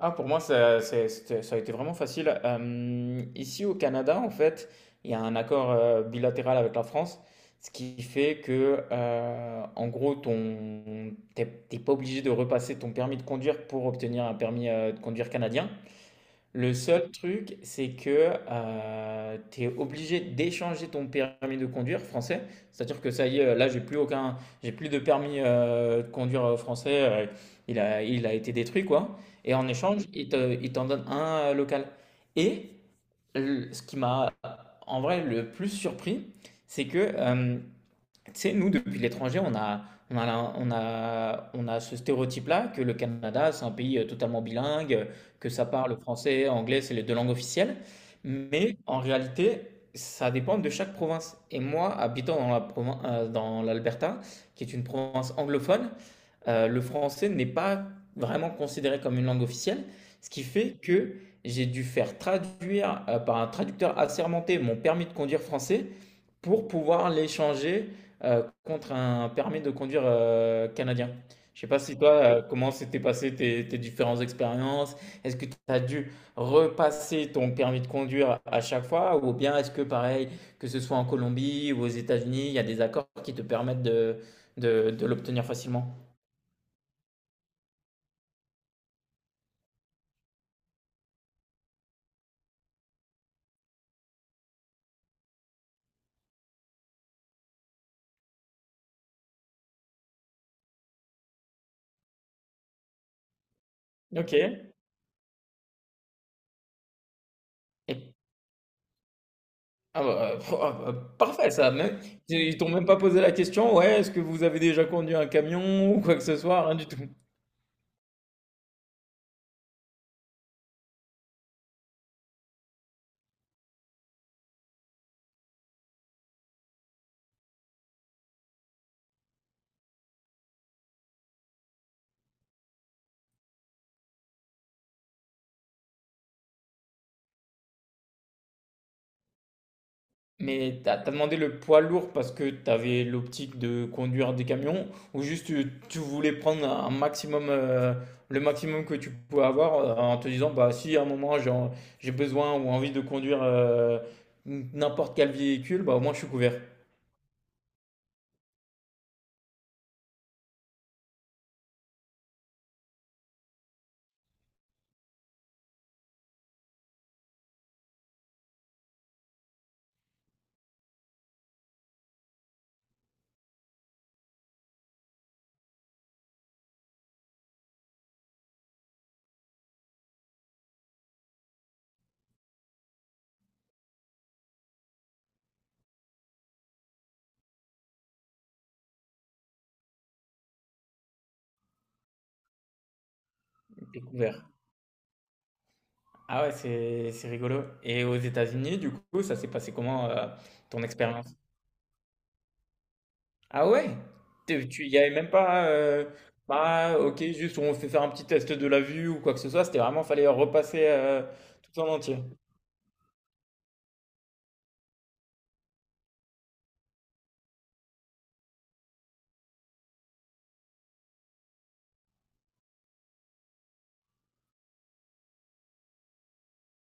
Ah, pour moi, ça, ça a été vraiment facile. Ici au Canada, en fait, il y a un accord bilatéral avec la France, ce qui fait que, en gros, t'es pas obligé de repasser ton permis de conduire pour obtenir un permis de conduire canadien. Le seul truc, c'est que tu es obligé d'échanger ton permis de conduire français. C'est-à-dire que ça y est, là, j'ai plus aucun, j'ai plus de permis de conduire français. Il a été détruit, quoi. Et en échange, il t'en donne un local. Et le- ce qui m'a, en vrai, le plus surpris, c'est que tu sais, nous, depuis l'étranger, on a ce stéréotype-là que le Canada, c'est un pays totalement bilingue, que ça parle français, anglais, c'est les deux langues officielles. Mais en réalité, ça dépend de chaque province. Et moi, habitant dans dans l'Alberta, qui est une province anglophone, le français n'est pas vraiment considéré comme une langue officielle, ce qui fait que j'ai dû faire traduire par un traducteur assermenté mon permis de conduire français pour pouvoir l'échanger contre un permis de conduire canadien. Je sais pas si toi, comment s'étaient passées tes différentes expériences? Est-ce que tu as dû repasser ton permis de conduire à chaque fois? Ou bien est-ce que pareil, que ce soit en Colombie ou aux États-Unis, il y a des accords qui te permettent de l'obtenir facilement? Ok. Et- ah bah, ah bah, parfait ça. Même, ils t'ont même pas posé la question, ouais, est-ce que vous avez déjà conduit un camion ou quoi que ce soit, rien du tout. Mais t'as demandé le poids lourd parce que t'avais l'optique de conduire des camions ou juste tu voulais prendre un maximum, le maximum que tu pouvais avoir en te disant bah si à un moment j'ai besoin ou envie de conduire n'importe quel véhicule, bah au moins je suis couvert. T'es couvert. Ah ouais, c'est rigolo. Et aux États-Unis, du coup, ça s'est passé comment ton expérience? Ah ouais? T'es- Tu y avait même pas. Bah, ok, juste on fait faire un petit test de la vue ou quoi que ce soit. C'était vraiment, fallait repasser tout en entier.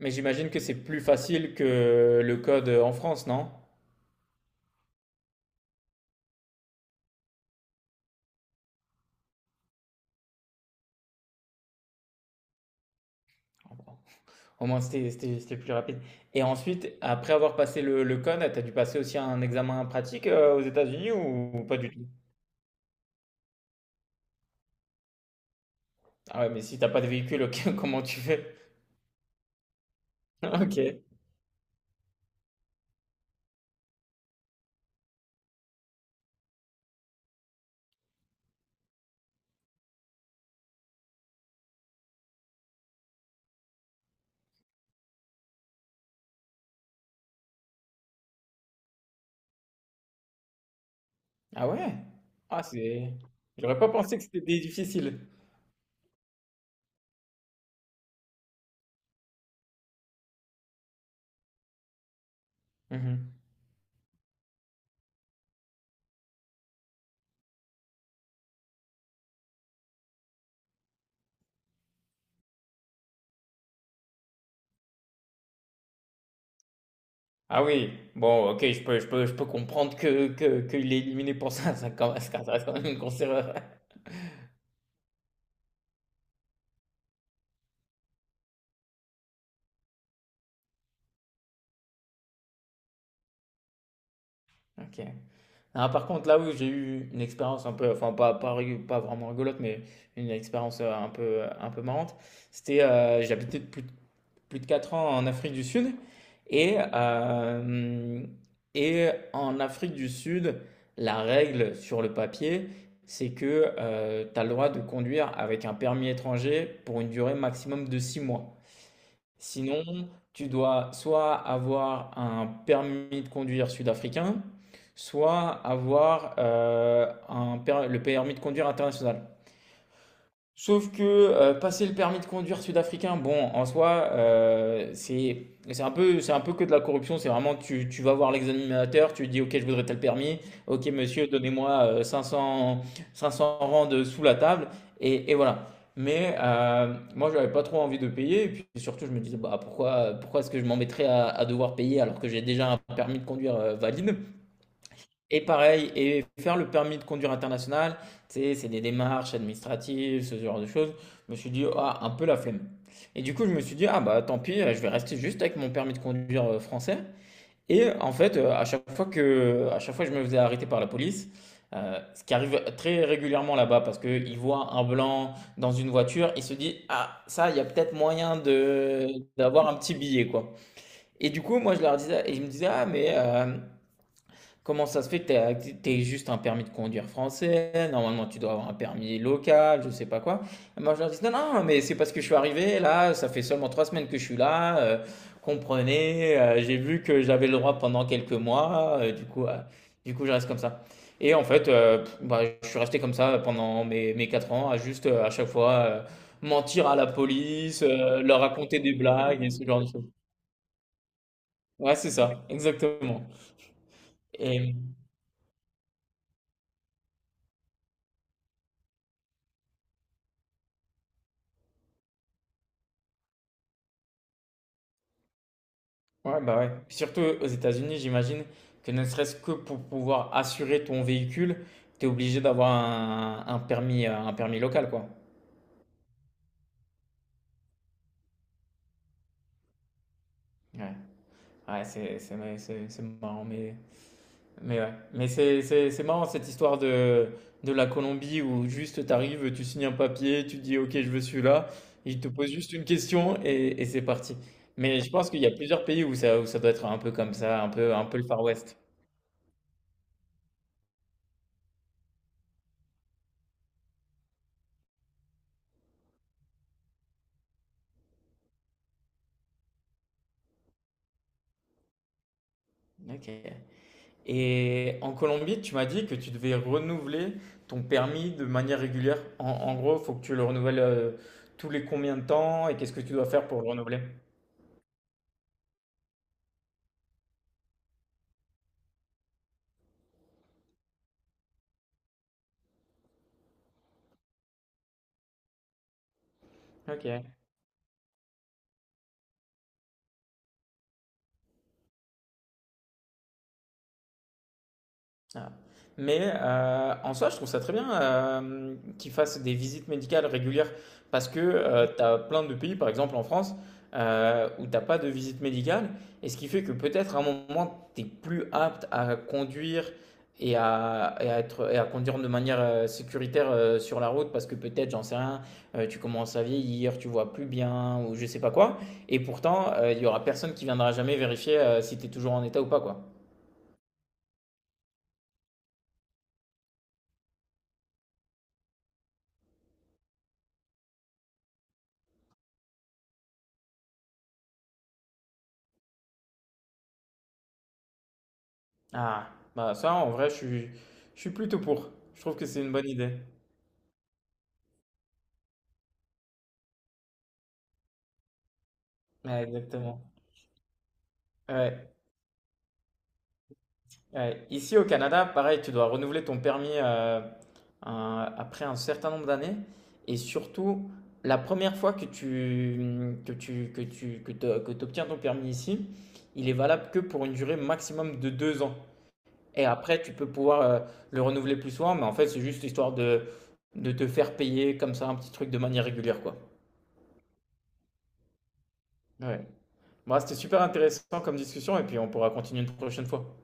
Mais j'imagine que c'est plus facile que le code en France, non? Au moins, c'était plus rapide. Et ensuite, après avoir passé le code, t'as dû passer aussi un examen pratique aux États-Unis ou pas du tout? Ah ouais, mais si t'as pas de véhicule, ok, comment tu fais? Ok. Ah ouais? Ah, c'est. J'aurais pas pensé que c'était difficile. Mhm. Ah oui, bon, OK, je peux comprendre que qu'il est éliminé pour ça, ça quand ça reste quand même une grosse erreur. OK. Ah, par contre, là où j'ai eu une expérience un peu, enfin pas vraiment rigolote, mais une expérience un peu marrante, c'était plus de 4 ans en Afrique du Sud et, et en Afrique du Sud, la règle sur le papier, c'est que tu as le droit de conduire avec un permis étranger pour une durée maximum de 6 mois. Sinon, tu dois soit avoir un permis de conduire sud-africain, soit avoir le permis de conduire international. Sauf que passer le permis de conduire sud-africain, bon, en soi, c'est c'est un peu que de la corruption. C'est vraiment, tu vas voir l'examinateur, tu lui dis, OK, je voudrais tel permis. OK, monsieur, donnez-moi 500 rand sous la table. Et voilà. Mais moi, je n'avais pas trop envie de payer. Et puis surtout, je me disais, bah, pourquoi est-ce que je m'embêterais à devoir payer alors que j'ai déjà un permis de conduire valide? Et pareil, et faire le permis de conduire international, tu sais, c'est des démarches administratives, ce genre de choses. Je me suis dit, ah, un peu la flemme. Et du coup, je me suis dit, ah bah tant pis, je vais rester juste avec mon permis de conduire français. Et en fait, à chaque fois que je me faisais arrêter par la police, ce qui arrive très régulièrement là-bas, parce qu'ils voient un blanc dans une voiture, ils se disent, ah, ça, il y a peut-être moyen de d'avoir un petit billet, quoi. Et du coup, moi, je leur disais, et ils me disaient, ah, mais comment ça se fait que tu as juste un permis de conduire français? Normalement, tu dois avoir un permis local, je sais pas quoi. Et moi, je leur dis, non, non, mais c'est parce que je suis arrivé là, ça fait seulement 3 semaines que je suis là. Comprenez, j'ai vu que j'avais le droit pendant quelques mois, du coup, je reste comme ça. Et en fait, bah, je suis resté comme ça pendant mes 4 ans, à juste à chaque fois mentir à la police, leur raconter des blagues et ce genre de choses. Ouais, c'est ça, exactement. Ouais, bah ouais. Surtout aux États-Unis, j'imagine que ne serait-ce que pour pouvoir assurer ton véhicule, tu es obligé d'avoir un permis local, quoi. Ouais, ouais, c'est marrant, mais ouais. Mais c'est marrant cette histoire de la Colombie où juste tu arrives, tu signes un papier, tu dis OK, je veux celui-là, ils te posent juste une question et c'est parti. Mais je pense qu'il y a plusieurs pays où ça doit être un peu comme ça, un peu le Far West. Ok. Et en Colombie, tu m'as dit que tu devais renouveler ton permis de manière régulière. En, en gros, il faut que tu le renouvelles tous les combien de temps et qu'est-ce que tu dois faire pour le renouveler? Ok. Ah. Mais en soi, je trouve ça très bien qu'ils fassent des visites médicales régulières parce que tu as plein de pays, par exemple en France, où t'as pas de visite médicale et ce qui fait que peut-être à un moment, tu es plus apte à conduire et à conduire de manière sécuritaire sur la route parce que peut-être, j'en sais rien, tu commences à vieillir, tu vois plus bien ou je sais pas quoi. Et pourtant, il y aura personne qui viendra jamais vérifier si tu es toujours en état ou pas, quoi. Ah, bah ça, en vrai, je suis plutôt pour. Je trouve que c'est une bonne idée. Ouais, exactement. Ouais, ouais. Ici au Canada, pareil, tu dois renouveler ton permis après un certain nombre d'années. Et surtout, la première fois que que t'obtiens ton permis ici, il est valable que pour une durée maximum de 2 ans. Et après, tu peux pouvoir le renouveler plus souvent, mais en fait, c'est juste histoire de te faire payer comme ça un petit truc de manière régulière, quoi. Ouais. Bah, c'était super intéressant comme discussion et puis on pourra continuer une prochaine fois.